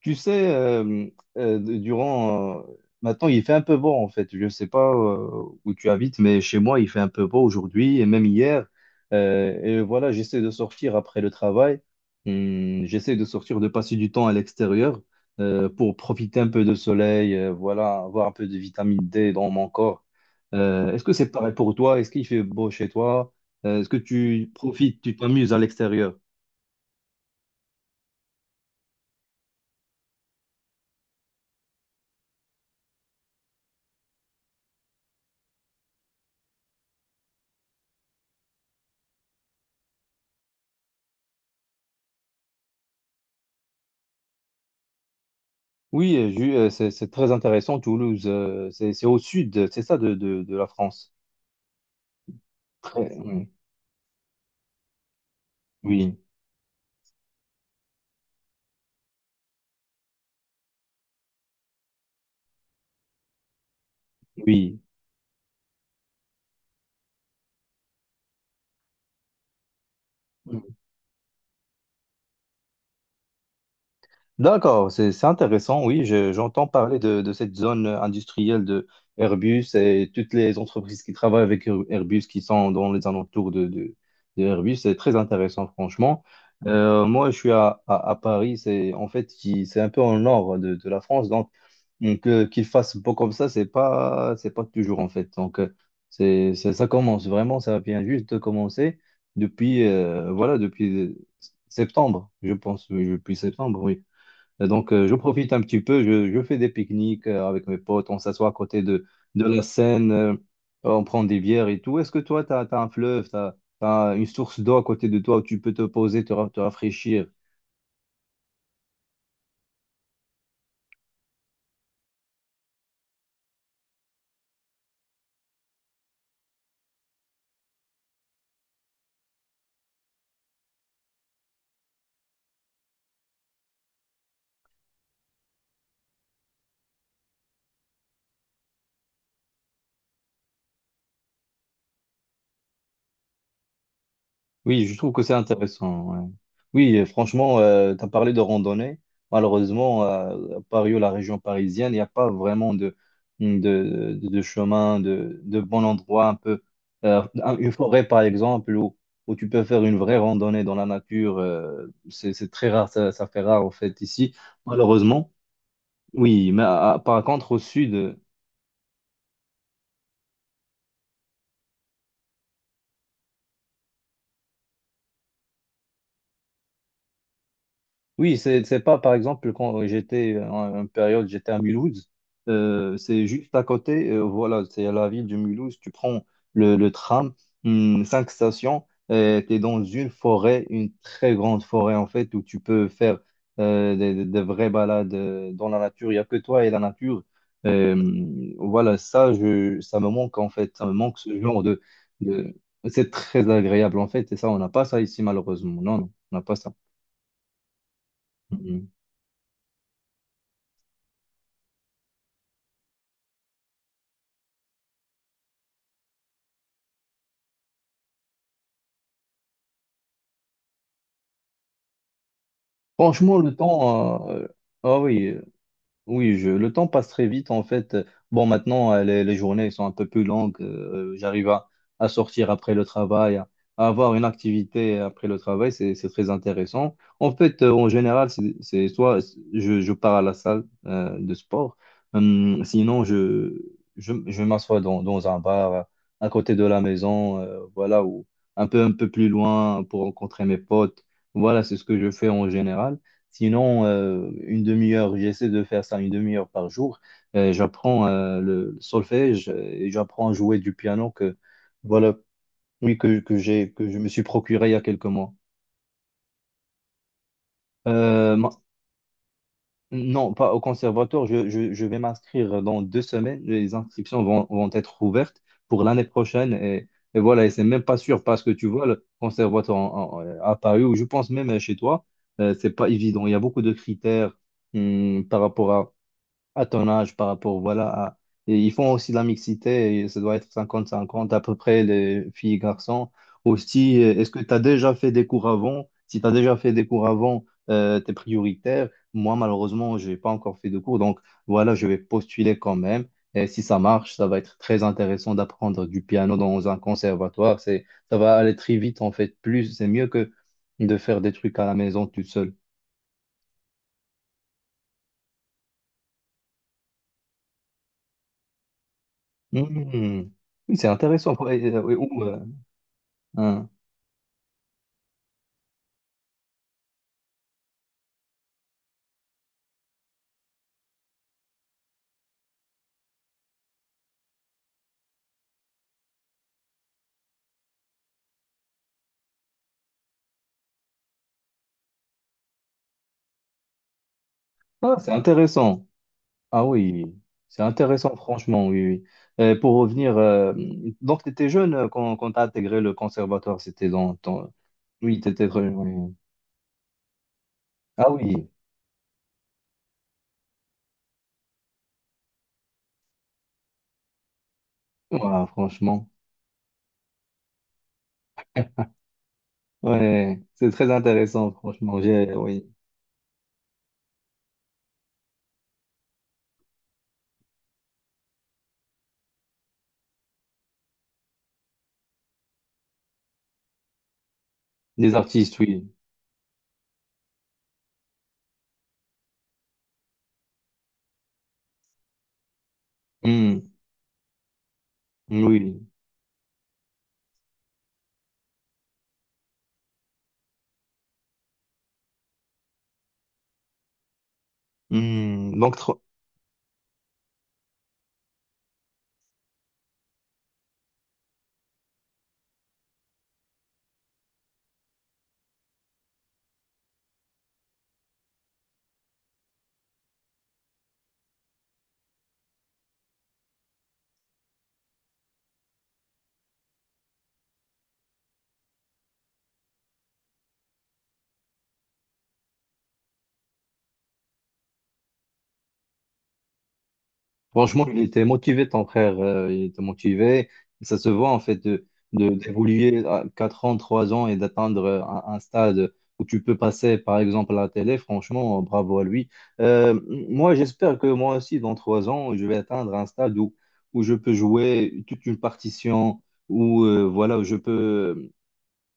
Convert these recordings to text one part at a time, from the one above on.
Tu sais, euh, durant... euh, maintenant, il fait un peu beau, en fait. Je ne sais pas où tu habites, mais chez moi, il fait un peu beau aujourd'hui et même hier. Et voilà, j'essaie de sortir après le travail. J'essaie de sortir, de passer du temps à l'extérieur pour profiter un peu de soleil, voilà, avoir un peu de vitamine D dans mon corps. Est-ce que c'est pareil pour toi? Est-ce qu'il fait beau chez toi? Est-ce que tu profites, tu t'amuses à l'extérieur? Oui, c'est très intéressant, Toulouse. C'est au sud, c'est ça, de la France. Oui, oui. Oui. D'accord, c'est intéressant, oui, j'entends parler de cette zone industrielle de Airbus et toutes les entreprises qui travaillent avec Airbus qui sont dans les alentours de Airbus. C'est très intéressant, franchement. Moi, je suis à Paris, c'est en fait c'est un peu en nord de la France, donc qu'il fasse beau comme ça, c'est pas toujours en fait. Ça commence vraiment, ça vient juste de commencer depuis septembre, je pense, oui, depuis septembre, oui. Et donc, je profite un petit peu, je fais des pique-niques avec mes potes, on s'assoit à côté de la Seine, on prend des bières et tout. Est-ce que toi, tu as un fleuve, tu as une source d'eau à côté de toi où tu peux te poser, te rafraîchir? Oui, je trouve que c'est intéressant. Ouais. Oui, franchement, tu as parlé de randonnée. Malheureusement, à Paris ou la région parisienne, il n'y a pas vraiment de chemin, de bon endroit, un peu. Une forêt, par exemple, où tu peux faire une vraie randonnée dans la nature. C'est très rare, ça fait rare, en fait, ici, malheureusement. Oui, mais par contre, au sud. Oui, c'est pas, par exemple, quand j'étais en période, j'étais à Mulhouse, c'est juste à côté, voilà, c'est à la ville de Mulhouse, tu prends le tram, cinq stations, et tu es dans une forêt, une très grande forêt en fait, où tu peux faire des vraies balades dans la nature, il n'y a que toi et la nature. Euh, voilà, ça, ça me manque en fait, ça me manque ce genre de... C'est très agréable en fait, et ça, on n'a pas ça ici, malheureusement. Non, non, on n'a pas ça. Franchement, le temps, ah oui, euh, oui, le temps passe très vite en fait. Bon, maintenant, les journées sont un peu plus longues. J'arrive à sortir après le travail, à avoir une activité après le travail. C'est très intéressant. En fait, en général, c'est soit je pars à la salle de sport, sinon je m'assois dans un bar à côté de la maison, voilà, ou un peu plus loin pour rencontrer mes potes. Voilà, c'est ce que je fais en général. Sinon, une demi-heure, j'essaie de faire ça une demi-heure par jour. J'apprends le solfège et j'apprends à jouer du piano que voilà, oui, que j'ai que je me suis procuré il y a quelques mois. Euh, ma- non, pas au conservatoire. Je vais m'inscrire dans 2 semaines. Les inscriptions vont être ouvertes pour l'année prochaine, et voilà. Et c'est même pas sûr parce que tu vois le conservatoire à Paris, ou je pense même chez toi, c'est pas évident. Il y a beaucoup de critères, par rapport à ton âge, par rapport, voilà. Et ils font aussi de la mixité, et ça doit être 50-50 à peu près, les filles et garçons. Aussi, est-ce que tu as déjà fait des cours avant? Si tu as déjà fait des cours avant, tu es prioritaire. Moi, malheureusement, je n'ai pas encore fait de cours, donc voilà, je vais postuler quand même. Et si ça marche, ça va être très intéressant d'apprendre du piano dans un conservatoire. Ça va aller très vite, en fait. Plus, c'est mieux que de faire des trucs à la maison tout seul. Mhm. Oui, c'est intéressant. Ouais, oui, hein. Ah, c'est intéressant. Ah oui, c'est intéressant, franchement, oui, oui. Pour revenir, donc tu étais jeune quand, tu as intégré le conservatoire, c'était dans ton... Oui, tu étais très, oui. Ah oui. Voilà, franchement. Ouais, c'est très intéressant, franchement. Oui. Des artistes, oui. Hmm, oui. Hmm. Donc, franchement, il était motivé, ton frère. Il était motivé. Ça se voit, en fait, d'évoluer à 4 ans, 3 ans, et d'atteindre un stade où tu peux passer, par exemple, à la télé. Franchement, bravo à lui. Euh, moi, j'espère que moi aussi, dans 3 ans, je vais atteindre un stade où, où je peux jouer toute une partition, où, voilà, où je peux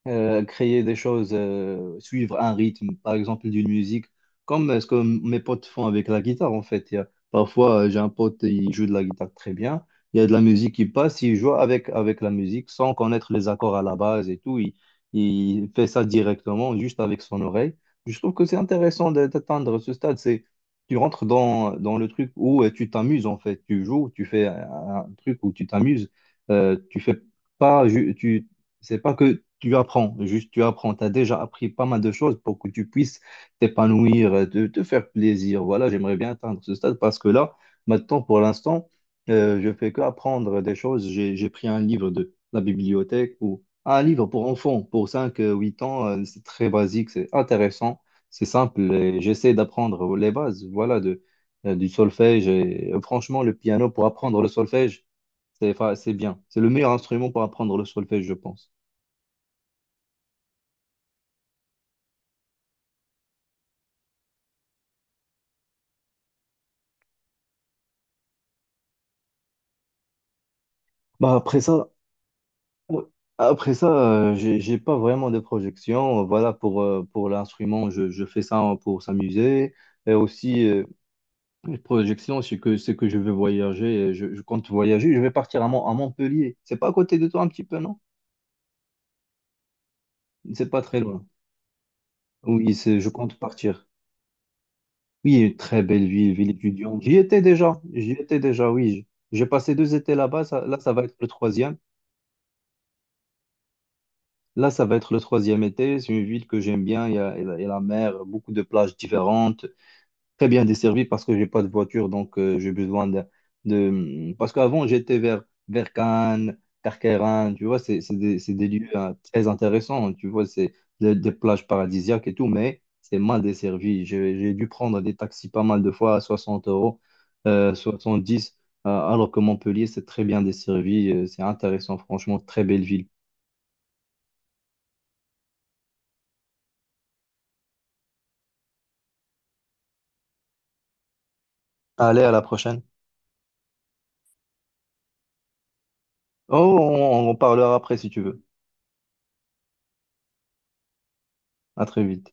créer des choses, suivre un rythme, par exemple d'une musique, comme ce que mes potes font avec la guitare en fait. Parfois, j'ai un pote, il joue de la guitare très bien, il y a de la musique qui passe, il joue avec la musique sans connaître les accords à la base et tout, il fait ça directement, juste avec son oreille. Je trouve que c'est intéressant d'atteindre ce stade. C'est Tu rentres dans le truc où tu t'amuses en fait, tu joues, tu fais un truc où tu t'amuses. Tu fais pas, ju- tu c'est pas que tu apprends, juste tu apprends. Tu as déjà appris pas mal de choses pour que tu puisses t'épanouir, te faire plaisir. Voilà, j'aimerais bien atteindre ce stade, parce que là, maintenant, pour l'instant, je fais que apprendre des choses. J'ai pris un livre de la bibliothèque, ou un livre pour enfants, pour 5 8 ans. C'est très basique, c'est intéressant, c'est simple. Et j'essaie d'apprendre les bases, voilà, du solfège. Et, franchement, le piano pour apprendre le solfège, c'est bien. C'est le meilleur instrument pour apprendre le solfège, je pense. Bah, après ça, ouais. Après ça, j'ai pas vraiment de projection. Voilà, pour l'instrument, je fais ça pour s'amuser. Et aussi, les projections, c'est que je veux voyager. Et je compte voyager. Je vais partir à Montpellier. C'est pas à côté de toi un petit peu, non? C'est pas très loin. Oui, je compte partir. Oui, une très belle ville, ville étudiante. J'y étais déjà. J'y étais déjà, oui. J'ai passé 2 étés là-bas. Là, ça va être le troisième. Là, ça va être le troisième été. C'est une ville que j'aime bien. Il y a la mer, beaucoup de plages différentes, très bien desservie, parce que j'ai pas de voiture, donc j'ai besoin de... Parce qu'avant, j'étais vers Cannes, Carqueiranne, tu vois, c'est des lieux, hein, très intéressants, tu vois, c'est des plages paradisiaques et tout, mais c'est mal desservi. J'ai dû prendre des taxis pas mal de fois à 60 euros, euh, dix alors que Montpellier, c'est très bien desservi, c'est intéressant, franchement, très belle ville. Allez, à la prochaine. Oh, on en parlera après si tu veux. À très vite.